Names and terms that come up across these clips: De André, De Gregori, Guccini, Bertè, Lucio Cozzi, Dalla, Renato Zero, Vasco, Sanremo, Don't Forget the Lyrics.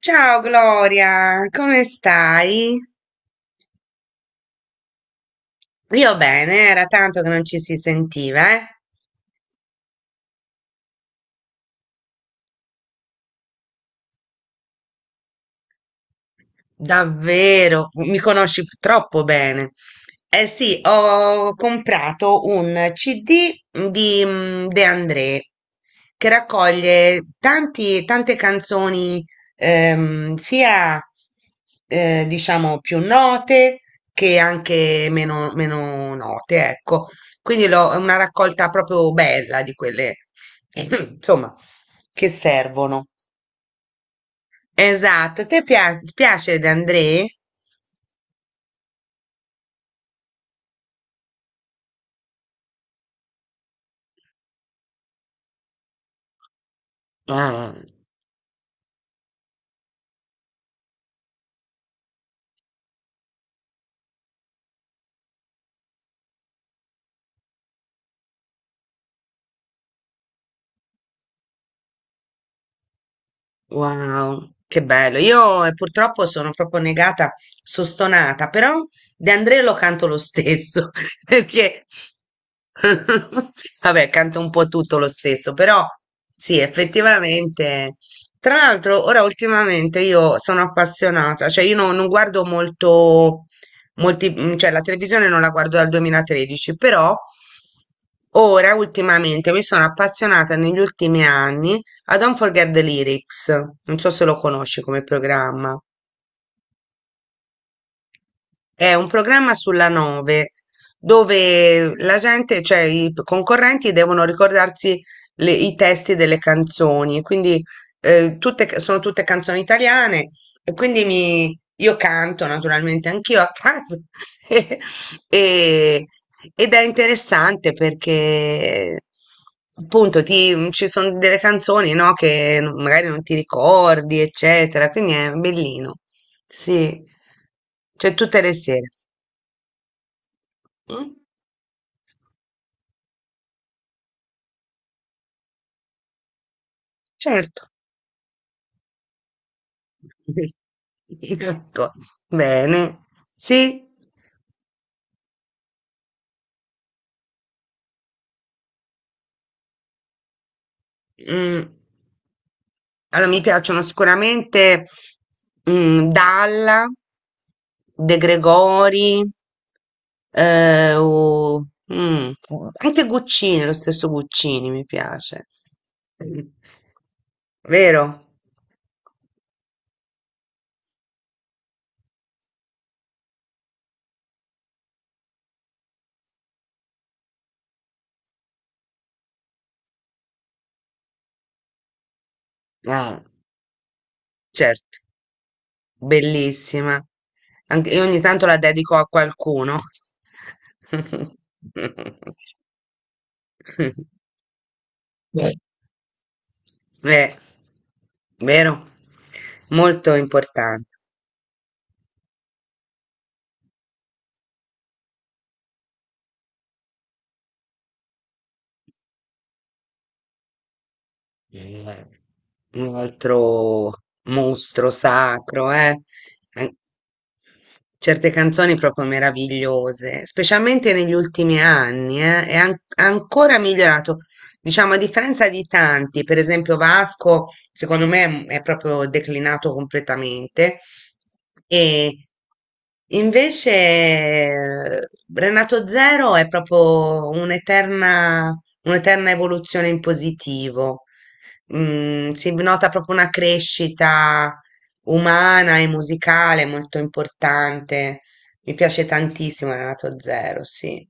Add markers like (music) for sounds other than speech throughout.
Ciao Gloria, come stai? Io bene, era tanto che non ci si sentiva, eh? Davvero, mi conosci troppo bene. Eh sì, ho comprato un CD di De André che raccoglie tante canzoni, sia diciamo più note che anche meno note, ecco. Quindi è una raccolta proprio bella di quelle, (clears throat) insomma, che servono. Esatto, ti piace De André? Ah, wow, che bello. Io purtroppo sono proprio negata, sono stonata, però De André lo canto lo stesso, (laughs) perché (laughs) vabbè, canto un po' tutto lo stesso, però sì, effettivamente. Tra l'altro, ora ultimamente io sono appassionata, cioè io non guardo molto, molti, cioè la televisione non la guardo dal 2013, però ora ultimamente mi sono appassionata negli ultimi anni a Don't Forget the Lyrics, non so se lo conosci come programma. È un programma sulla Nove dove la gente, cioè i concorrenti devono ricordarsi i testi delle canzoni, quindi sono tutte canzoni italiane e quindi io canto naturalmente anch'io a casa. (laughs) E, ed è interessante perché appunto ci sono delle canzoni, no, che magari non ti ricordi, eccetera, quindi è bellino. Sì, c'è tutte le sere. Mm? Certo. (laughs) Ecco. Bene. Sì. Mm. Allora, mi piacciono sicuramente Dalla, De Gregori, eh, o- mm, anche Guccini, lo stesso Guccini mi piace. Vero? Ah, certo, bellissima. Anche, io ogni tanto la dedico a qualcuno. (laughs) Eh, vero? Molto importante. Eh, un altro mostro sacro, eh. An- Certe canzoni proprio meravigliose, specialmente negli ultimi anni, è ancora migliorato. Diciamo, a differenza di tanti, per esempio Vasco, secondo me è proprio declinato completamente. E invece Renato Zero è proprio un'eterna evoluzione in positivo. Si nota proprio una crescita umana e musicale molto importante. Mi piace tantissimo Renato Zero, sì,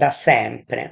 da sempre.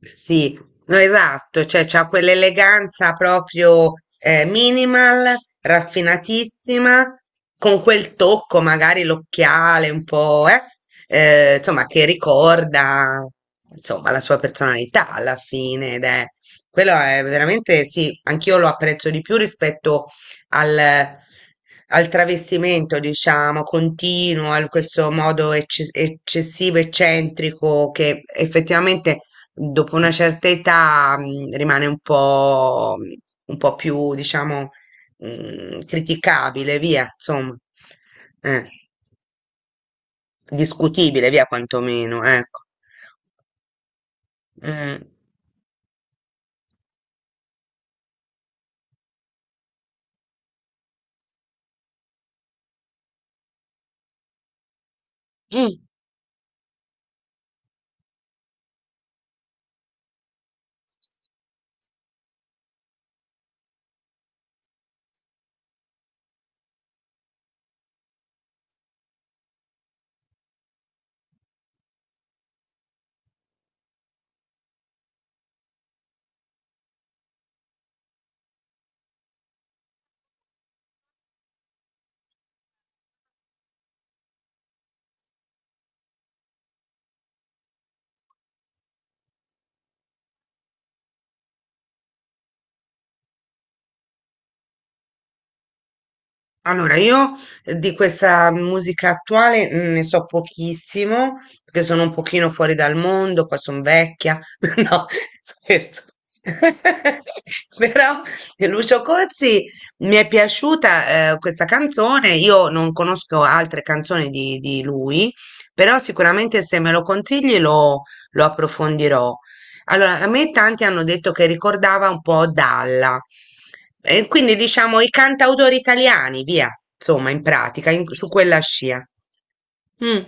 Sì, no, esatto, cioè c'ha quell'eleganza proprio minimal, raffinatissima, con quel tocco, magari l'occhiale un po', insomma, che ricorda, insomma, la sua personalità alla fine, ed è, quello è veramente, sì, anch'io lo apprezzo di più rispetto al, al travestimento, diciamo, continuo, a questo modo eccessivo, eccentrico, che effettivamente dopo una certa età rimane un po' più, diciamo, criticabile, via, insomma, eh, discutibile, via, quantomeno, ecco. Mm. Allora, io di questa musica attuale ne so pochissimo, perché sono un pochino fuori dal mondo, qua sono vecchia, (laughs) no, scherzo. (laughs) Però Lucio Cozzi mi è piaciuta questa canzone, io non conosco altre canzoni di lui, però sicuramente se me lo consigli lo approfondirò. Allora, a me tanti hanno detto che ricordava un po' Dalla, e quindi diciamo i cantautori italiani, via, insomma, in pratica, su quella scia. Mm.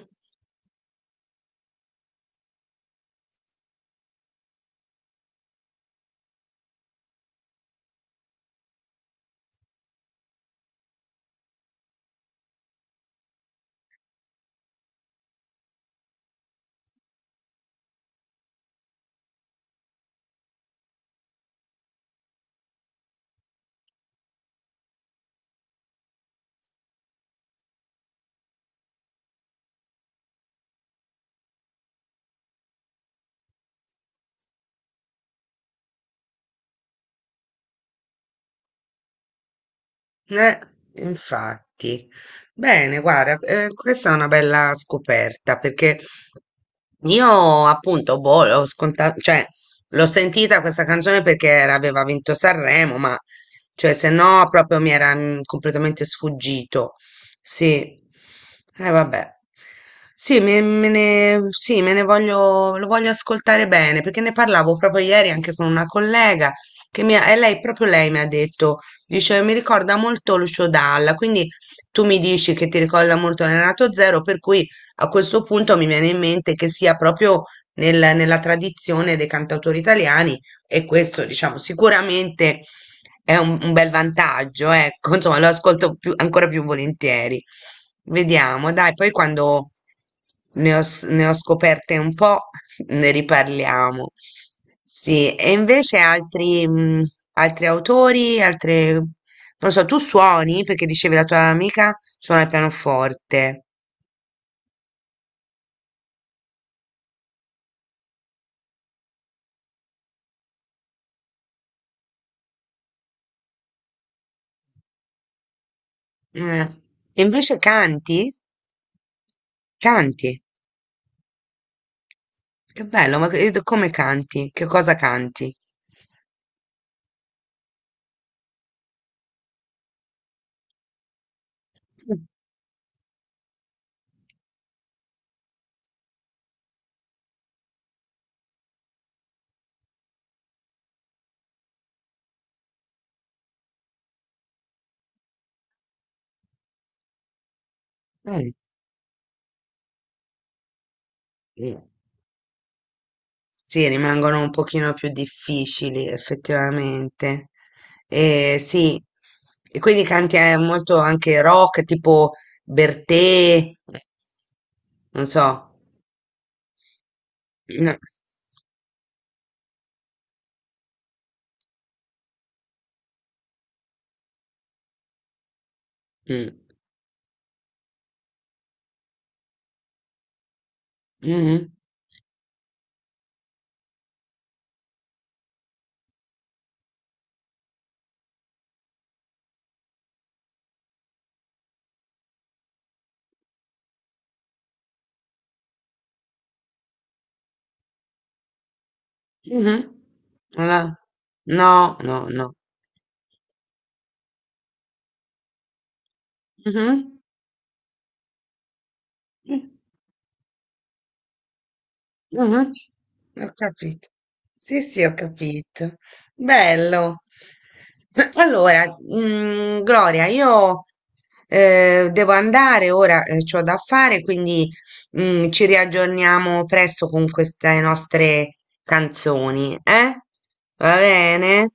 Eh, infatti. Bene, guarda, questa è una bella scoperta perché io appunto, boh, l'ho scontato, cioè, l'ho sentita questa canzone perché aveva vinto Sanremo, ma cioè, se no proprio mi era completamente sfuggito. Sì, vabbè. Sì, me ne, sì, me ne voglio, lo voglio ascoltare bene perché ne parlavo proprio ieri anche con una collega che e lei, proprio lei mi ha detto. Dice, mi ricorda molto Lucio Dalla, quindi tu mi dici che ti ricorda molto Renato Zero, per cui a questo punto mi viene in mente che sia proprio nella tradizione dei cantautori italiani e questo, diciamo, sicuramente è un bel vantaggio, ecco, (laughs) insomma, lo ascolto ancora più volentieri. Vediamo, dai, poi quando ne ho scoperte un po', ne riparliamo. Sì, e invece altri autori, non lo so. Tu suoni perché dicevi la tua amica suona il pianoforte. Mm. E invece canti? Canti. Che bello, ma come canti? Che cosa canti? Mm. Mm. Sì, rimangono un pochino più difficili effettivamente. E sì, e quindi canti molto anche rock, tipo Bertè, non so. No. Mm. Mhm. Mhm. Allora, no, no, no. Mhm. Mhm, Ho capito. Sì, sì, ho capito. Bello. (clears throat) Allora, Gloria, io devo andare ora, c'ho da fare, quindi ci riaggiorniamo presto con queste nostre canzoni, eh? Va bene?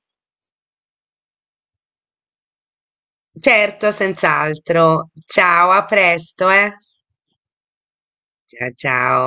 Certo, senz'altro. Ciao, a presto, eh? Ciao, ciao.